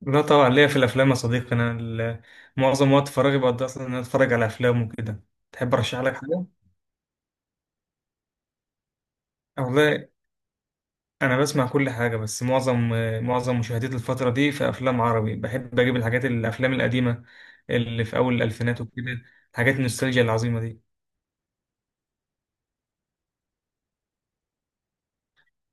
لا، طبعا ليا في الافلام يا صديقي. معظم وقت فراغي بقضي اصلا ان انا اتفرج على افلام وكده. تحب ارشح لك حاجه؟ والله، انا بسمع كل حاجه بس معظم مشاهدتي الفتره دي في افلام عربي. بحب اجيب الحاجات الافلام القديمه اللي في اول الالفينات وكده، حاجات النوستالجيا العظيمه دي.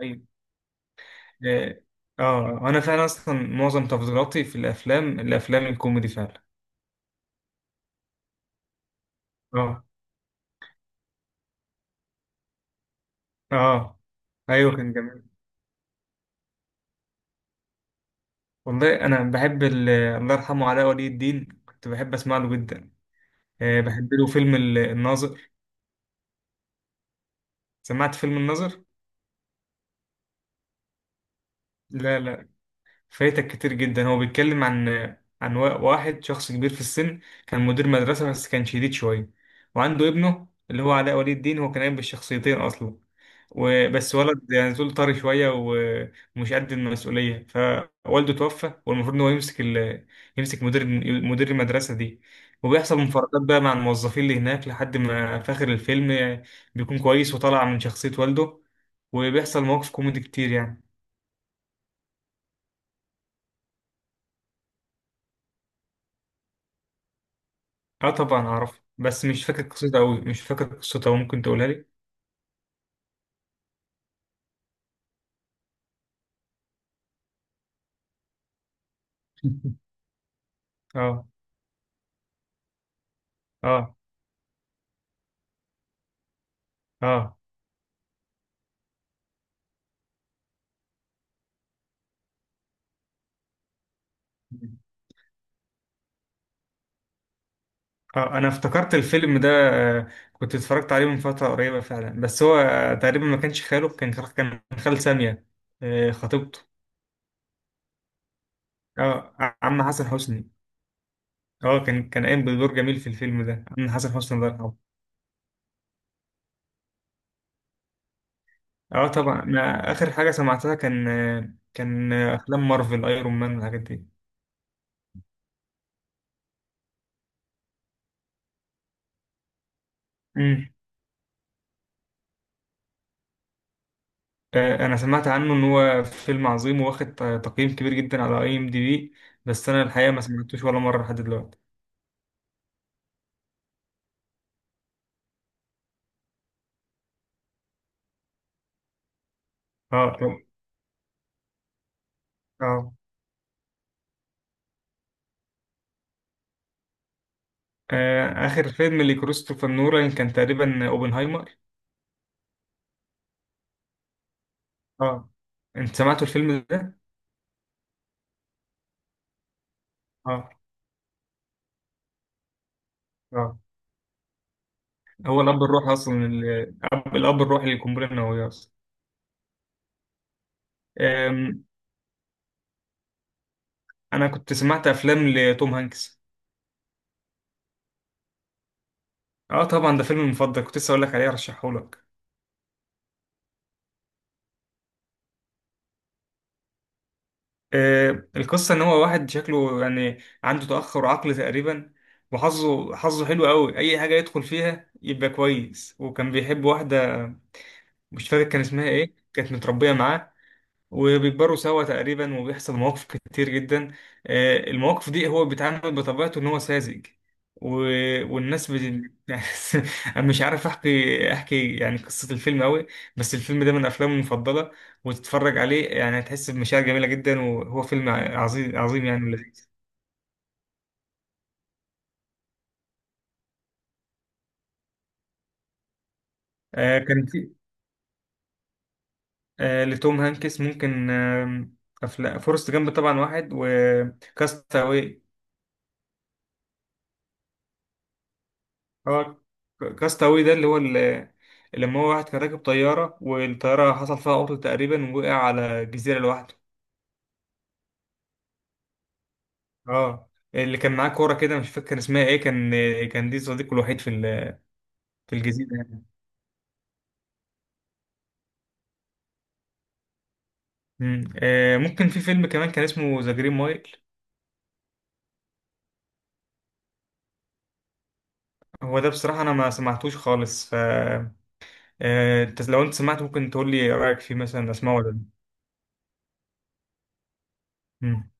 ايوه، اه. انا فعلا اصلا معظم تفضيلاتي في الافلام الكوميدي فعلا. اه، اه، ايوه، كان جميل. والله، انا بحب الله يرحمه علاء ولي الدين، كنت بحب اسمع له جدا. بحب له فيلم الناظر. سمعت فيلم الناظر؟ لا، لا، فايتك كتير جدا. هو بيتكلم عن واحد شخص كبير في السن، كان مدير مدرسة بس كان شديد شوية، وعنده ابنه اللي هو علاء ولي الدين. هو كان قايم بالشخصيتين أصلا. وبس ولد يعني زول طري شوية ومش قد المسؤولية، فوالده توفى والمفروض إن هو يمسك مدير المدرسة دي. وبيحصل مفارقات بقى مع الموظفين اللي هناك لحد ما في آخر الفيلم بيكون كويس وطالع من شخصية والده، وبيحصل مواقف كوميدي كتير يعني. اه طبعا اعرف بس مش فاكر قصته أوي. ممكن تقولها لي؟ اه، اه، اه، اه. انا افتكرت الفيلم ده. آه، كنت اتفرجت عليه من فترة قريبة فعلا، بس هو تقريبا ما كانش خاله، كان خال سامية، خطيبته. اه، عم حسن حسني. اه، كان قايم بدور جميل في الفيلم ده، عم حسن حسني الله يرحمه. اه طبعا، انا اخر حاجة سمعتها كان افلام مارفل ايرون مان والحاجات دي. انا سمعت عنه ان هو فيلم عظيم واخد تقييم كبير جدا على IMDb، بس انا الحقيقه ما سمعتوش ولا مره لحد دلوقتي. اه، طب، اه. اخر فيلم لكريستوفر نولان كان تقريبا اوبنهايمر. اه، انت سمعتوا الفيلم ده؟ اه، اه. هو الاب الروحي اصلا، الاب الروحي للقنبله النوويه اصلا. آم، انا كنت سمعت افلام لتوم هانكس. اه طبعا، ده فيلمي المفضل، كنت لسه اقول لك عليه ارشحه لك. القصة إن هو واحد شكله يعني عنده تأخر عقلي تقريبا، وحظه حلو قوي. أي حاجة يدخل فيها يبقى كويس، وكان بيحب واحدة، مش فاكر كان اسمها إيه، كانت متربية معاه، وبيكبروا سوا تقريبا، وبيحصل مواقف كتير جدا. المواقف دي هو بيتعامل بطبيعته ان هو ساذج و... والناس بت... يعني، انا مش عارف احكي يعني قصة الفيلم قوي، بس الفيلم ده من افلامي المفضلة، وتتفرج عليه يعني هتحس بمشاعر جميلة جدا، وهو فيلم عظيم عظيم يعني ولذيذ. آه، كان في آه، لتوم هانكس فورست جامب طبعا واحد، وكاستاوي. هو كاستاوي ده اللي لما هو واحد كان راكب طيارة والطيارة حصل فيها عطل تقريبا، ووقع على جزيرة لوحده. اه، اللي كان معاه كورة كده، مش فاكر كان اسمها ايه، كان دي صديقه الوحيد في الجزيرة يعني. ممكن في فيلم كمان كان اسمه ذا جرين مايل. هو ده بصراحة أنا ما سمعتوش خالص. ف آه، أنت لو سمعته ممكن تقول لي رأيك فيه، مثلا أسمعه ولا لأ. مم.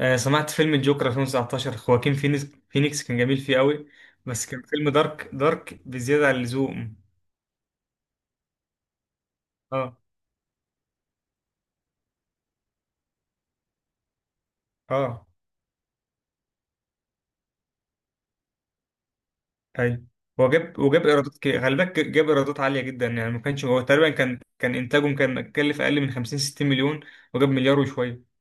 سمعت فيلم الجوكر 2019. خواكين فينيكس كان جميل فيه قوي، بس كان فيلم دارك دارك بزيادة عن اللزوم. اه، اه، ايوه. هو جاب وجاب ايرادات كي- خلي بالك، جاب ايرادات عالية جدا يعني. ما كانش هو تقريبا، كان انتاجه كان كلف اقل من 50 60 مليون، وجاب مليار وشوية.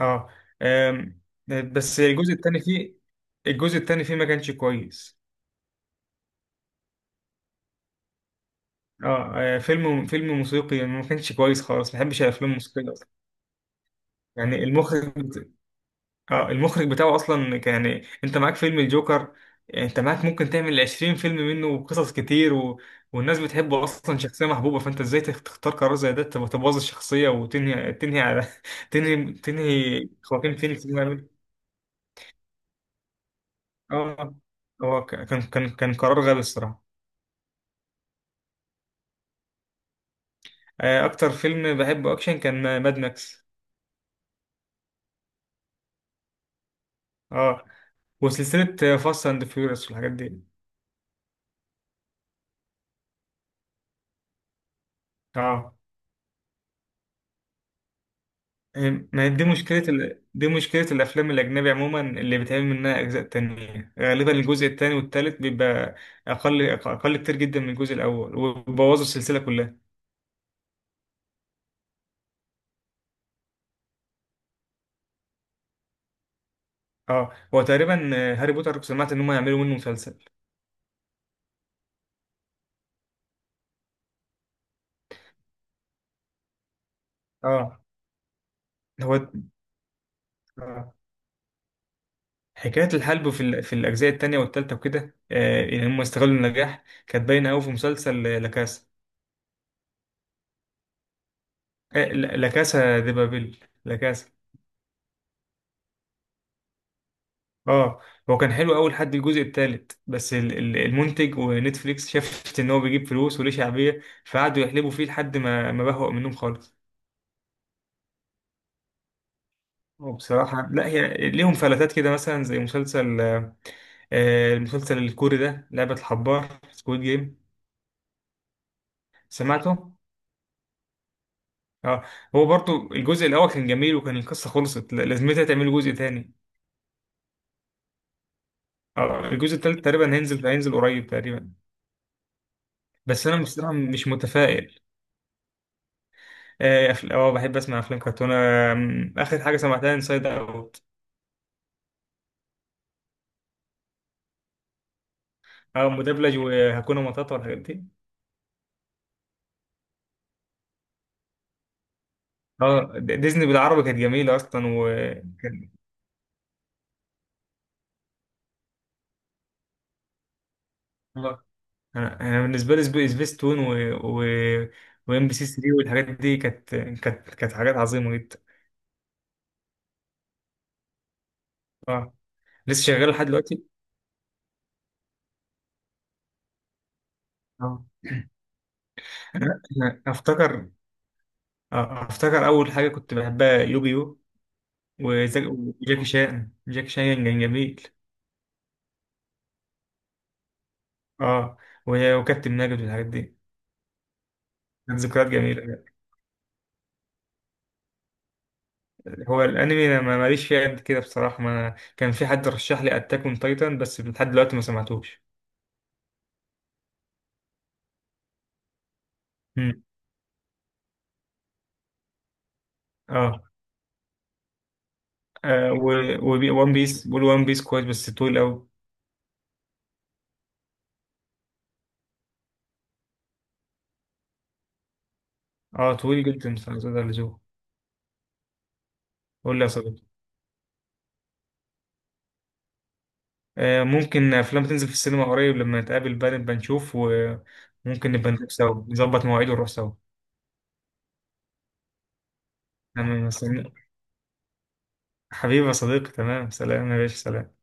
اه. آم، بس الجزء الثاني فيه الجزء الثاني فيه ما كانش كويس. اه، فيلم موسيقي يعني، ما كانش كويس خالص، ما بحبش الافلام الموسيقية اصلا. يعني المخرج بتاعه اصلا، يعني انت معاك فيلم الجوكر، يعني انت معاك ممكن تعمل 20 فيلم منه وقصص كتير. والناس بتحبه اصلا، شخصيه محبوبه، فانت ازاي تختار قرار زي ده، تبوظ الشخصيه وتنهي على تنهي خواكين فينيكس. اه، هو، كان قرار غبي الصراحه. اكتر فيلم بحبه اكشن كان ماد ماكس. اه، وسلسله فاست اند فيوريوس والحاجات دي. اه. ما هي دي دي مشكلة الأفلام الأجنبي عموما، اللي بيتعمل منها أجزاء تانية غالبا الجزء التاني والتالت بيبقى أقل أقل كتير جدا من الجزء الأول، وبوظوا السلسلة كلها. اه، هو تقريبا، هاري بوتر سمعت إن هم يعملوا منه مسلسل. اه. هو آه. حكاية في الأجزاء التانية والتالتة وكده، إن هم استغلوا النجاح كانت باينة أوي في مسلسل لا كاسا دي بابل، لا كاسا. اه، هو كان حلو اول حد الجزء التالت، بس المنتج ونتفليكس شافت ان هو بيجيب فلوس وليه شعبيه، فقعدوا يحلبوا فيه لحد ما ما بهوأ منهم خالص. وبصراحه لا، هي ليهم فلتات كده، مثلا زي مسلسل المسلسل الكوري ده، لعبه الحبار، سكويد جيم. سمعته؟ اه، هو برضو الجزء الاول كان جميل، وكان القصه خلصت، لازمتها تعملوا جزء تاني. اه، الجزء التالت تقريبا هينزل قريب تقريبا، بس انا بصراحه مش متفائل. اه. بحب اسمع افلام كرتون. اخر حاجه سمعتها انسايد اوت. اه، مدبلج، وهاكونا ماتاتا والحاجات دي. اه، ديزني بالعربي كانت جميله اصلا. وكان آه، انا بالنسبه لي، سبيس تون و وام بي سي 3 والحاجات دي، كانت حاجات عظيمه جدا. اه، لسه شغال لحد دلوقتي. اه. أنا افتكر، افتكر اول حاجه كنت بحبها يوجيو، وجاكي شان، جاكي شان كان جميل. اه، وكابتن ماجد والحاجات دي، كانت ذكريات جميلة. هو الأنمي أنا ماليش فيه قد كده بصراحة. ما أنا كان في حد رشح لي أتاك أون تايتن، بس لحد دلوقتي ما سمعتوش. مم. آه, آه وون بيس بقول وان بيس كويس بس طويل أوي. آه، طويل جدا، فزاد عن اللزوم. قول لي يا صديقي. ممكن أفلام تنزل في السينما قريب، لما نتقابل بقى نبقى نشوف، وممكن نبقى نروح سوا، نظبط مواعيد ونروح سوا. أنا مستني. حبيبي يا صديقي، تمام، سلام يا باشا، سلام.